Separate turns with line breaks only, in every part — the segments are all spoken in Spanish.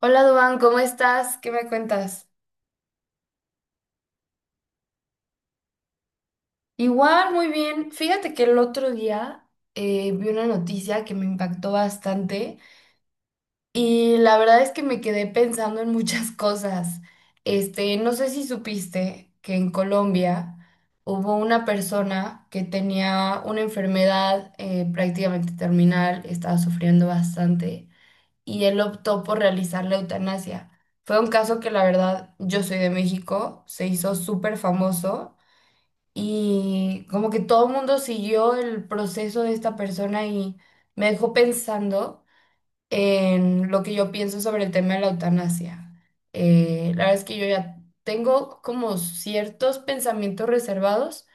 Hola, Duan, ¿cómo estás? ¿Qué me cuentas? Igual, muy bien. Fíjate que el otro día vi una noticia que me impactó bastante y la verdad es que me quedé pensando en muchas cosas. Este, no sé si supiste que en Colombia hubo una persona que tenía una enfermedad prácticamente terminal, estaba sufriendo bastante. Y él optó por realizar la eutanasia. Fue un caso que la verdad, yo soy de México, se hizo súper famoso y como que todo el mundo siguió el proceso de esta persona y me dejó pensando en lo que yo pienso sobre el tema de la eutanasia. La verdad es que yo ya tengo como ciertos pensamientos reservados,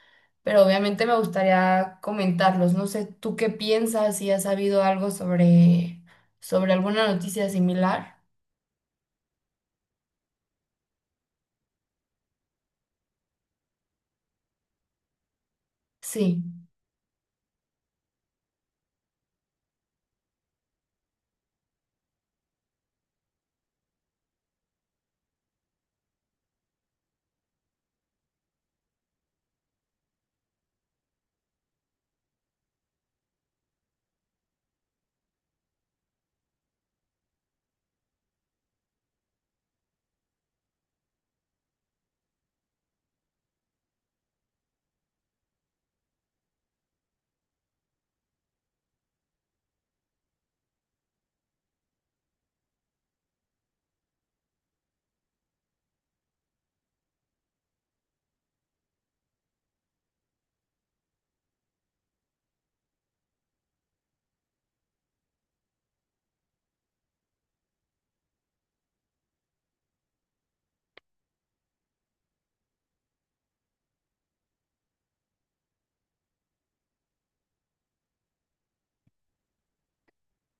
pero obviamente me gustaría comentarlos. No sé, ¿tú qué piensas? Si has sabido algo sobre, sobre alguna noticia similar. Sí,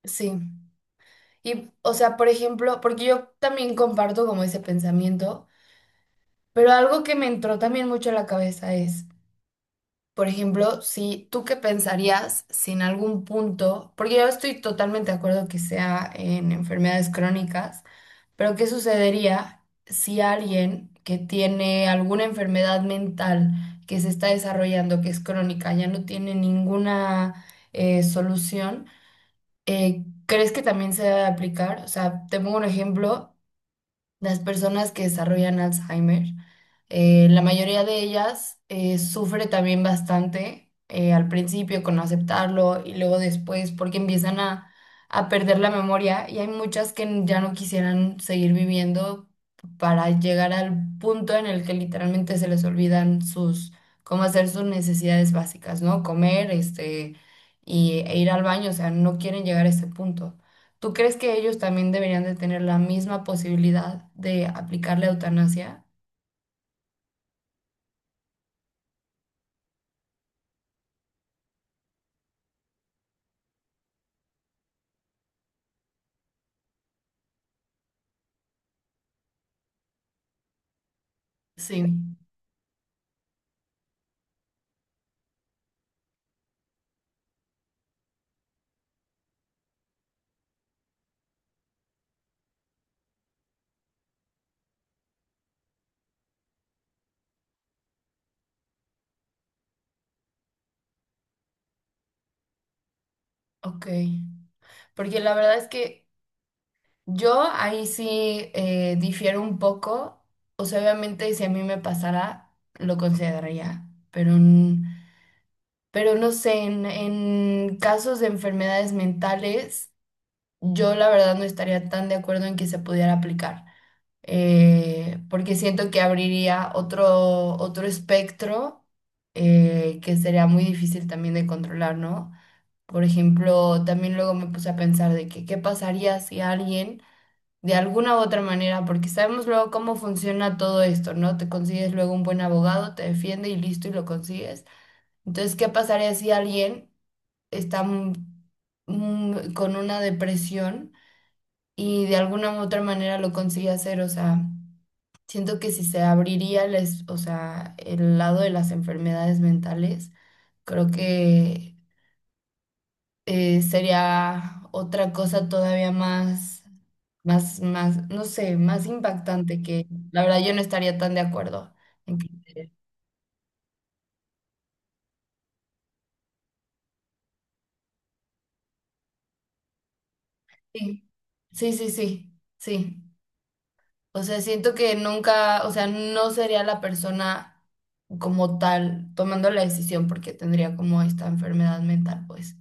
sí. Y, o sea, por ejemplo, porque yo también comparto como ese pensamiento, pero algo que me entró también mucho a la cabeza es: por ejemplo, si tú qué pensarías si en algún punto, porque yo estoy totalmente de acuerdo que sea en enfermedades crónicas, pero ¿qué sucedería si alguien que tiene alguna enfermedad mental que se está desarrollando, que es crónica, ya no tiene ninguna solución? ¿Crees que también se debe aplicar? O sea, te pongo un ejemplo. Las personas que desarrollan Alzheimer, la mayoría de ellas sufre también bastante al principio con aceptarlo y luego después porque empiezan a perder la memoria, y hay muchas que ya no quisieran seguir viviendo para llegar al punto en el que literalmente se les olvidan sus, cómo hacer sus necesidades básicas, ¿no? Comer, este, y, e ir al baño, o sea, no quieren llegar a ese punto. ¿Tú crees que ellos también deberían de tener la misma posibilidad de aplicar la eutanasia? Sí. Ok, porque la verdad es que yo ahí sí difiero un poco, o sea, obviamente si a mí me pasara, lo consideraría, pero, pero no sé, en casos de enfermedades mentales, yo la verdad no estaría tan de acuerdo en que se pudiera aplicar. Porque siento que abriría otro, otro espectro que sería muy difícil también de controlar, ¿no? Por ejemplo, también luego me puse a pensar de que qué pasaría si alguien, de alguna u otra manera, porque sabemos luego cómo funciona todo esto, ¿no? Te consigues luego un buen abogado, te defiende y listo y lo consigues. Entonces, ¿qué pasaría si alguien está con una depresión y de alguna u otra manera lo consigue hacer? O sea... Siento que si se abriría les, o sea, el lado de las enfermedades mentales, creo que sería otra cosa todavía más, más, más, no sé, más impactante, que la verdad yo no estaría tan de acuerdo en que sí, sí, sí, sí, sí. O sea, siento que nunca, o sea, no sería la persona como tal tomando la decisión porque tendría como esta enfermedad mental, pues.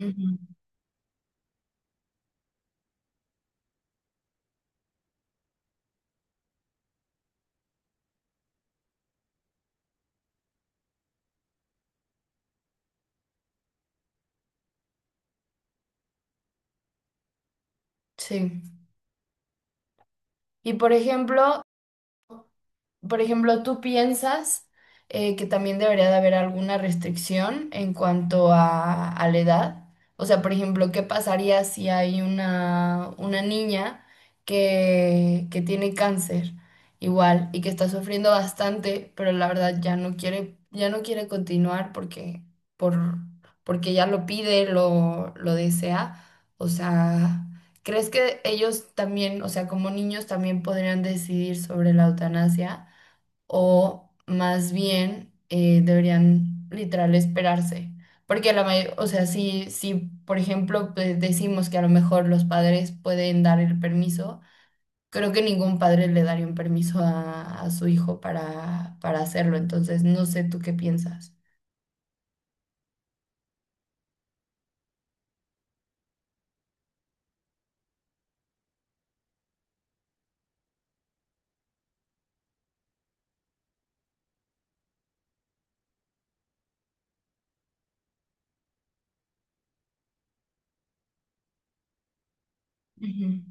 Ujú. Sí. Y por ejemplo, ¿tú piensas que también debería de haber alguna restricción en cuanto a la edad? O sea, por ejemplo, ¿qué pasaría si hay una niña que tiene cáncer igual y que está sufriendo bastante, pero la verdad ya no quiere continuar porque, por, porque ya lo pide, lo desea? O sea... ¿Crees que ellos también, o sea, como niños también podrían decidir sobre la eutanasia? O más bien deberían literal esperarse. Porque la mayor, o sea, si, si por ejemplo pues, decimos que a lo mejor los padres pueden dar el permiso, creo que ningún padre le daría un permiso a su hijo para hacerlo. Entonces, no sé tú qué piensas. Ujú.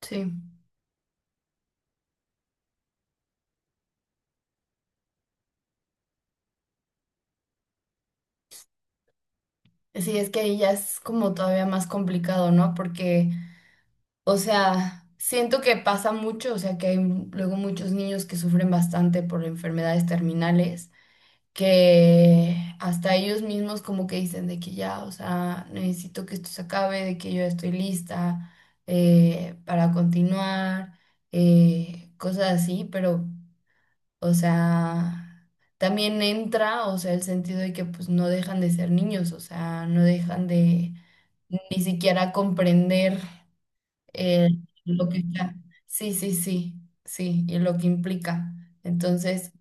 Sí. Sí, es que ahí ya es como todavía más complicado, ¿no? Porque, o sea, siento que pasa mucho, o sea, que hay luego muchos niños que sufren bastante por enfermedades terminales, que hasta ellos mismos como que dicen de que ya, o sea, necesito que esto se acabe, de que yo ya estoy lista para continuar, cosas así, pero, o sea, también entra, o sea, el sentido de que pues no dejan de ser niños, o sea, no dejan de ni siquiera comprender eh, lo que está. Sí, sí, sí, sí, y lo que implica. Entonces,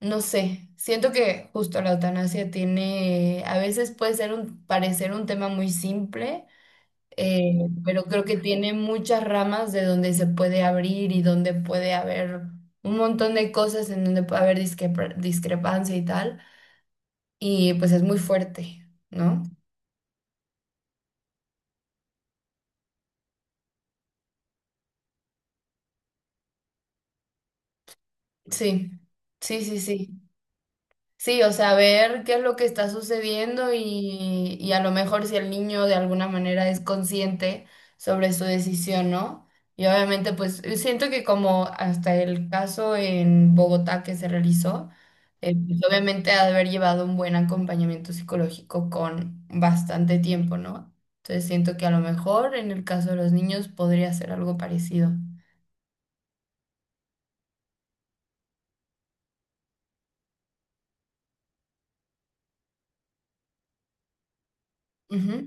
no sé, siento que justo la eutanasia tiene, a veces puede ser un, parecer un tema muy simple, eh, pero creo que tiene muchas ramas de donde se puede abrir y donde puede haber un montón de cosas en donde puede haber discrepancia y tal, y pues es muy fuerte, ¿no? Sí, sí, sí, sí. Sí, o sea, ver qué es lo que está sucediendo y a lo mejor si el niño de alguna manera es consciente sobre su decisión, ¿no? Y obviamente, pues siento que como hasta el caso en Bogotá que se realizó, pues, obviamente ha de haber llevado un buen acompañamiento psicológico con bastante tiempo, ¿no? Entonces siento que a lo mejor en el caso de los niños podría ser algo parecido. Ujú.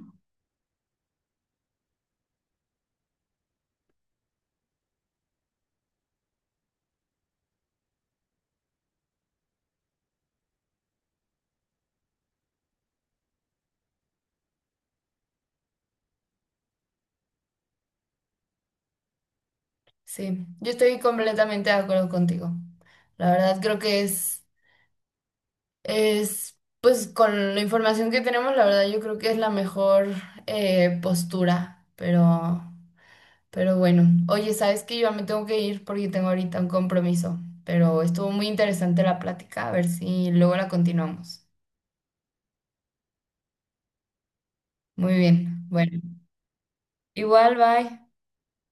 Sí, yo estoy completamente de acuerdo contigo. La verdad creo que es... Es, pues con la información que tenemos, la verdad, yo creo que es la mejor postura, pero bueno, oye, sabes que yo ya me tengo que ir porque tengo ahorita un compromiso, pero estuvo muy interesante la plática, a ver si luego la continuamos. Muy bien, bueno, igual, bye.